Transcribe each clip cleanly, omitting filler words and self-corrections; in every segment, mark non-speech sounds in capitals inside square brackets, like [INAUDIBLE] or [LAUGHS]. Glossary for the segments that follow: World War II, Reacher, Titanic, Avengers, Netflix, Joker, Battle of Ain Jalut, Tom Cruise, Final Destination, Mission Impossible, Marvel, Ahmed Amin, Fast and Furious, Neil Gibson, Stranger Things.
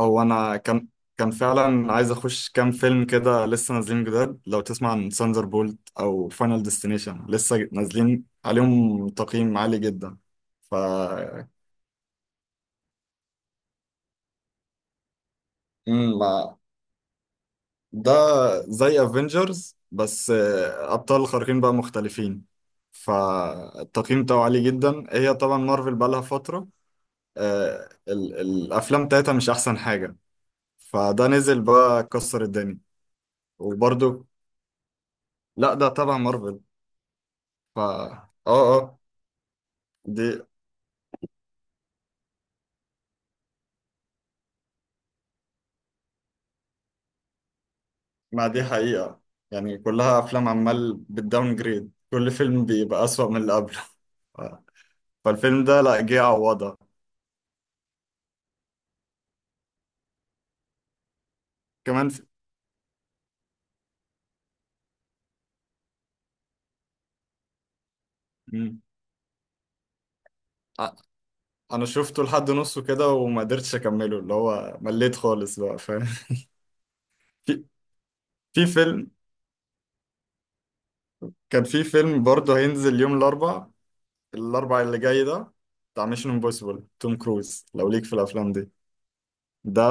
هو انا كان فعلا عايز اخش كام فيلم كده لسه نازلين جداد. لو تسمع عن ساندر بولت او فاينل ديستنيشن لسه نازلين عليهم تقييم عالي جدا. ف مم، ما- ده زي افنجرز بس ابطال خارقين بقى مختلفين. فالتقييم بتاعه عالي جدا، هي طبعا مارفل بقى لها فترة الافلام بتاعتها مش احسن حاجة. فده نزل بقى كسر الدنيا وبرضه. لا ده تبع مارفل. ف اه اه دي ما دي حقيقة، يعني كلها أفلام عمال بالداون جريد، كل فيلم بيبقى أسوأ من اللي قبله. [LAUGHS] ف- فالفيلم ده لا جه يعوضها. كمان في... مم. أ- أنا شفته لحد نصه كده وما قدرتش أكمله، اللي هو مليت خالص بقى فاهم. [LAUGHS] في... في فيلم كان في فيلم برضه هينزل يوم الأربع، الأربع اللي جاي ده، بتاع ميشن امبوسيبل توم كروز لو ليك في الأفلام دي. ده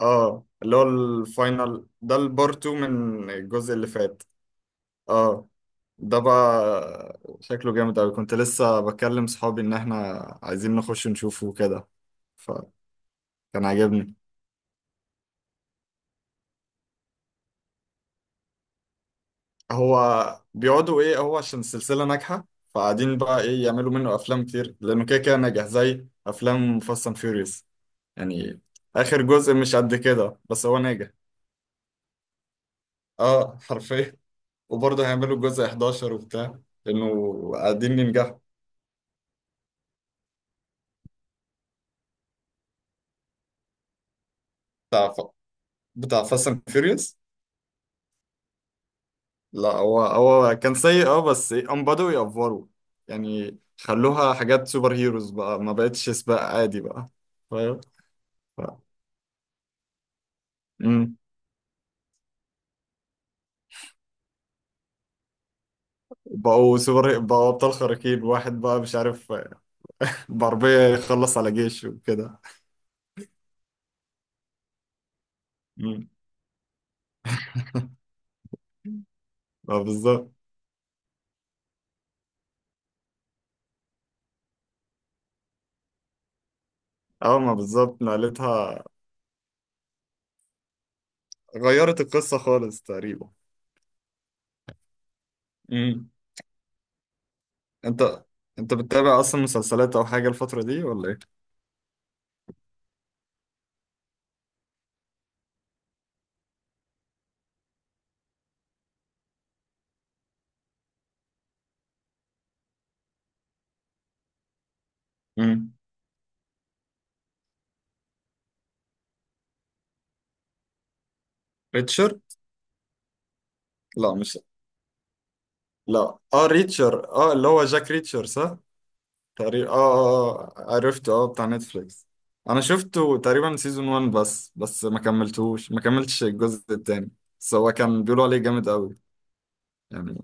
اه اللي هو الفاينل ده، البارتو من الجزء اللي فات. اه ده بقى شكله جامد أوي. كنت لسه بكلم صحابي إن احنا عايزين نخش نشوفه كده، فكان عاجبني. هو بيقعدوا ايه، هو عشان السلسلة ناجحة فقاعدين بقى ايه يعملوا منه أفلام كتير، لأنه كده كده ناجح زي أفلام فاست أند فيوريوس يعني. آخر جزء مش قد كده بس هو ناجح. اه حرفيا. وبرضه هيعملوا جزء 11 وبتاع، لأنه قاعدين ينجحوا. بتاع فاست اند فيوريوس، لا هو كان سيء اه، بس هم بدأوا يأفوروا يعني. خلوها حاجات سوبر هيروز بقى، ما بقتش سباق عادي بقى فاهم. ف- مم. بقوا سوبر، بقوا أبطال خارقين واحد بقى مش عارف بعربية يخلص على جيش وكده. مم. ما بالظبط. اه ما بالظبط نقلتها، غيرت القصة خالص تقريبا. مم. انت انت بتتابع اصلا مسلسلات او حاجة الفترة دي ولا ايه؟ مم. ريتشر؟ لا مش لا اه ريتشر، اه اللي هو جاك ريتشر صح. تقريبا اه اه، عرفته اه بتاع نتفليكس. انا شفته تقريبا سيزون 1 بس، ما كملتش الجزء التاني، بس هو كان بيقولوا عليه جامد قوي يعني.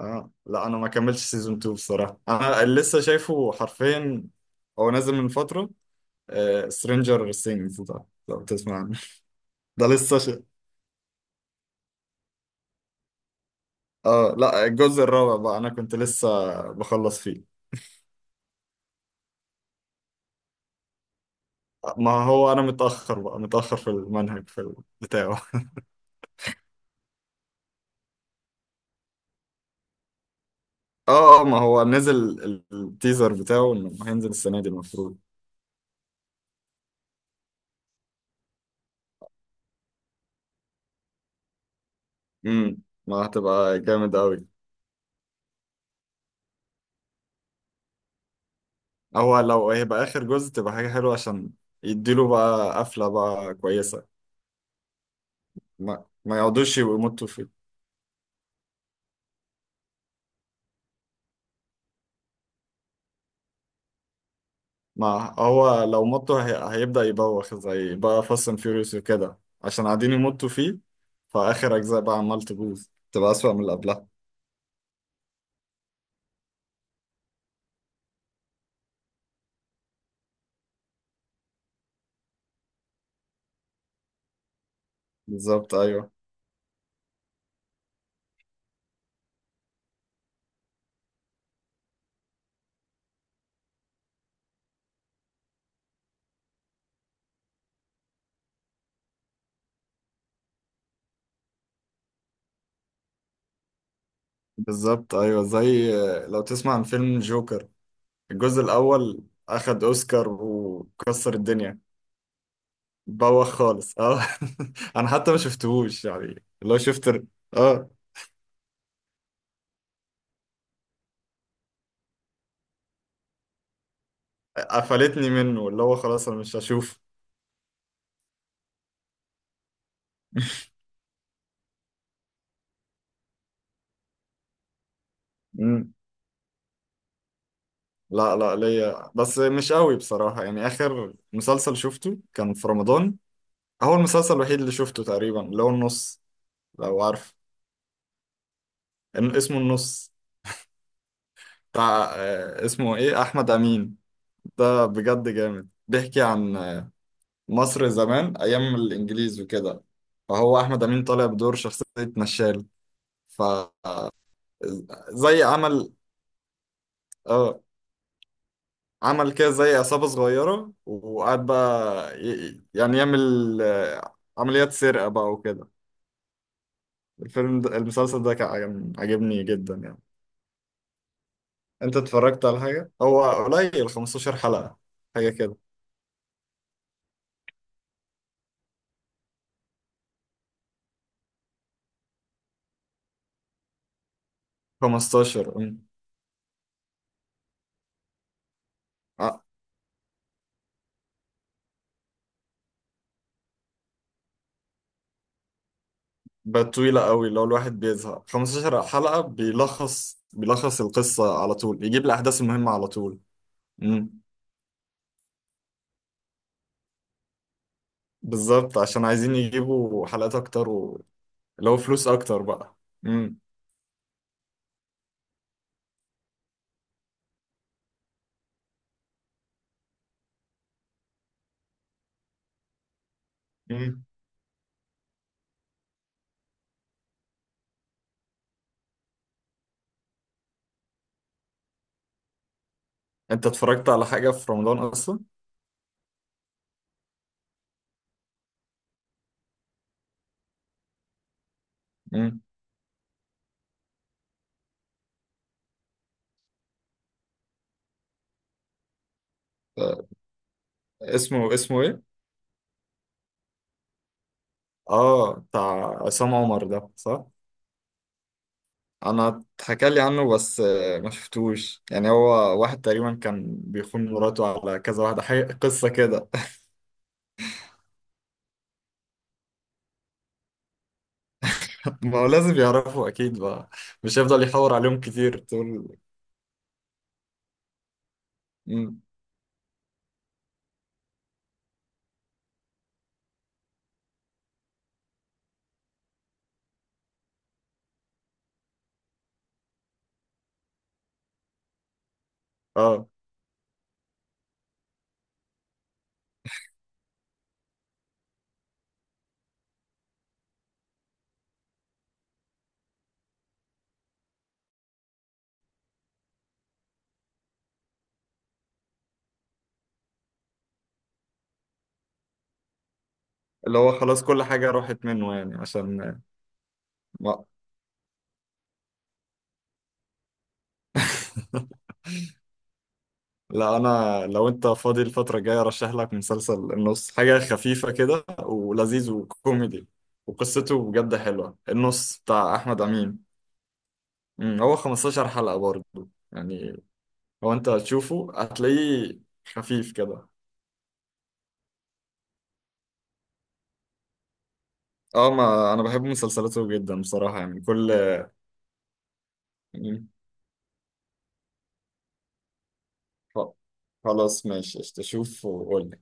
اه لا انا ما كملتش سيزون 2 بصراحة. انا اللي لسه شايفه حرفيا، هو نازل من فترة، آه سترينجر سينجز ده لو تسمع عنه. [LAUGHS] ده لسه ش... اه لا الجزء الرابع بقى انا كنت لسه بخلص فيه. ما هو انا متاخر بقى، متاخر في المنهج في بتاعه. [LAUGHS] اه اه ما هو نزل التيزر بتاعه انه هينزل السنه دي المفروض. امم، ما هتبقى جامد قوي. هو لو هيبقى اخر جزء تبقى حاجه حلوه، عشان يديله بقى قفله بقى كويسه. ما ما يقعدوش يمطوا فيه. ما هو لو مطوا هيبدا يبوخ زي بقى فاست اند فيوريوس وكده، عشان قاعدين يمطوا فيه. فاخر اجزاء بقى عمال تبوظ، تبقى اسوأ من اللي قبلها. بالظبط ايوه. بالظبط ايوه. زي لو تسمع عن فيلم جوكر الجزء الاول، اخد اوسكار وكسر الدنيا. بوخ خالص اه. [LAUGHS] انا حتى ما شفتهوش يعني، اللي هو شفت اه قفلتني منه، اللي هو خلاص انا مش هشوف. مم. لا ليا بس مش قوي بصراحة. يعني اخر مسلسل شفته كان في رمضان، هو المسلسل الوحيد اللي شفته تقريبا، اللي هو النص لو عارف. اسمه النص، بتاع اسمه ايه، احمد امين. ده بجد جامد، بيحكي عن مصر زمان أيام الإنجليز وكده. فهو أحمد أمين طالع بدور شخصية نشال، ف زي عمل اه عمل كده زي عصابة صغيرة، وقعد بقى يعني يعمل عمليات سرقة بقى وكده. الفيلم ده، المسلسل ده كان عجبني جدا يعني. أنت اتفرجت على حاجة؟ هو قليل، 15 حلقة حاجة كده. 15 أم. آه، بقت طويلة قوي. لو الواحد بيزهق، 15 حلقة بيلخص القصة على طول، بيجيب الأحداث المهمة على طول. امم، بالظبط، عشان عايزين يجيبوا حلقات أكتر و... اللي هو فلوس أكتر بقى. امم. امم، أنت اتفرجت على حاجة في رمضان أصلا؟ امم. آه، اسمه إيه؟ آه بتاع عصام عمر ده صح؟ أنا اتحكى لي عنه بس ما شفتوش يعني. هو واحد تقريبا كان بيخون مراته على كذا واحدة، حاجة قصة كده. ما هو لازم يعرفوا اكيد بقى، مش هيفضل يحور عليهم كتير تقول. مم. اه اللي هو خلاص كل حاجة راحت منه يعني عشان. ما [LAUGHS] لا انا، لو انت فاضي الفترة الجاية ارشح لك مسلسل النص، حاجة خفيفة كده ولذيذ وكوميدي، وقصته بجد حلوة، النص بتاع احمد امين. هو 15 حلقة برضه يعني. هو انت هتشوفه هتلاقيه خفيف كده. اه ما انا بحب مسلسلاته جدا بصراحة يعني كل. خ- خلاص ماشي قشطة. شوف وقول.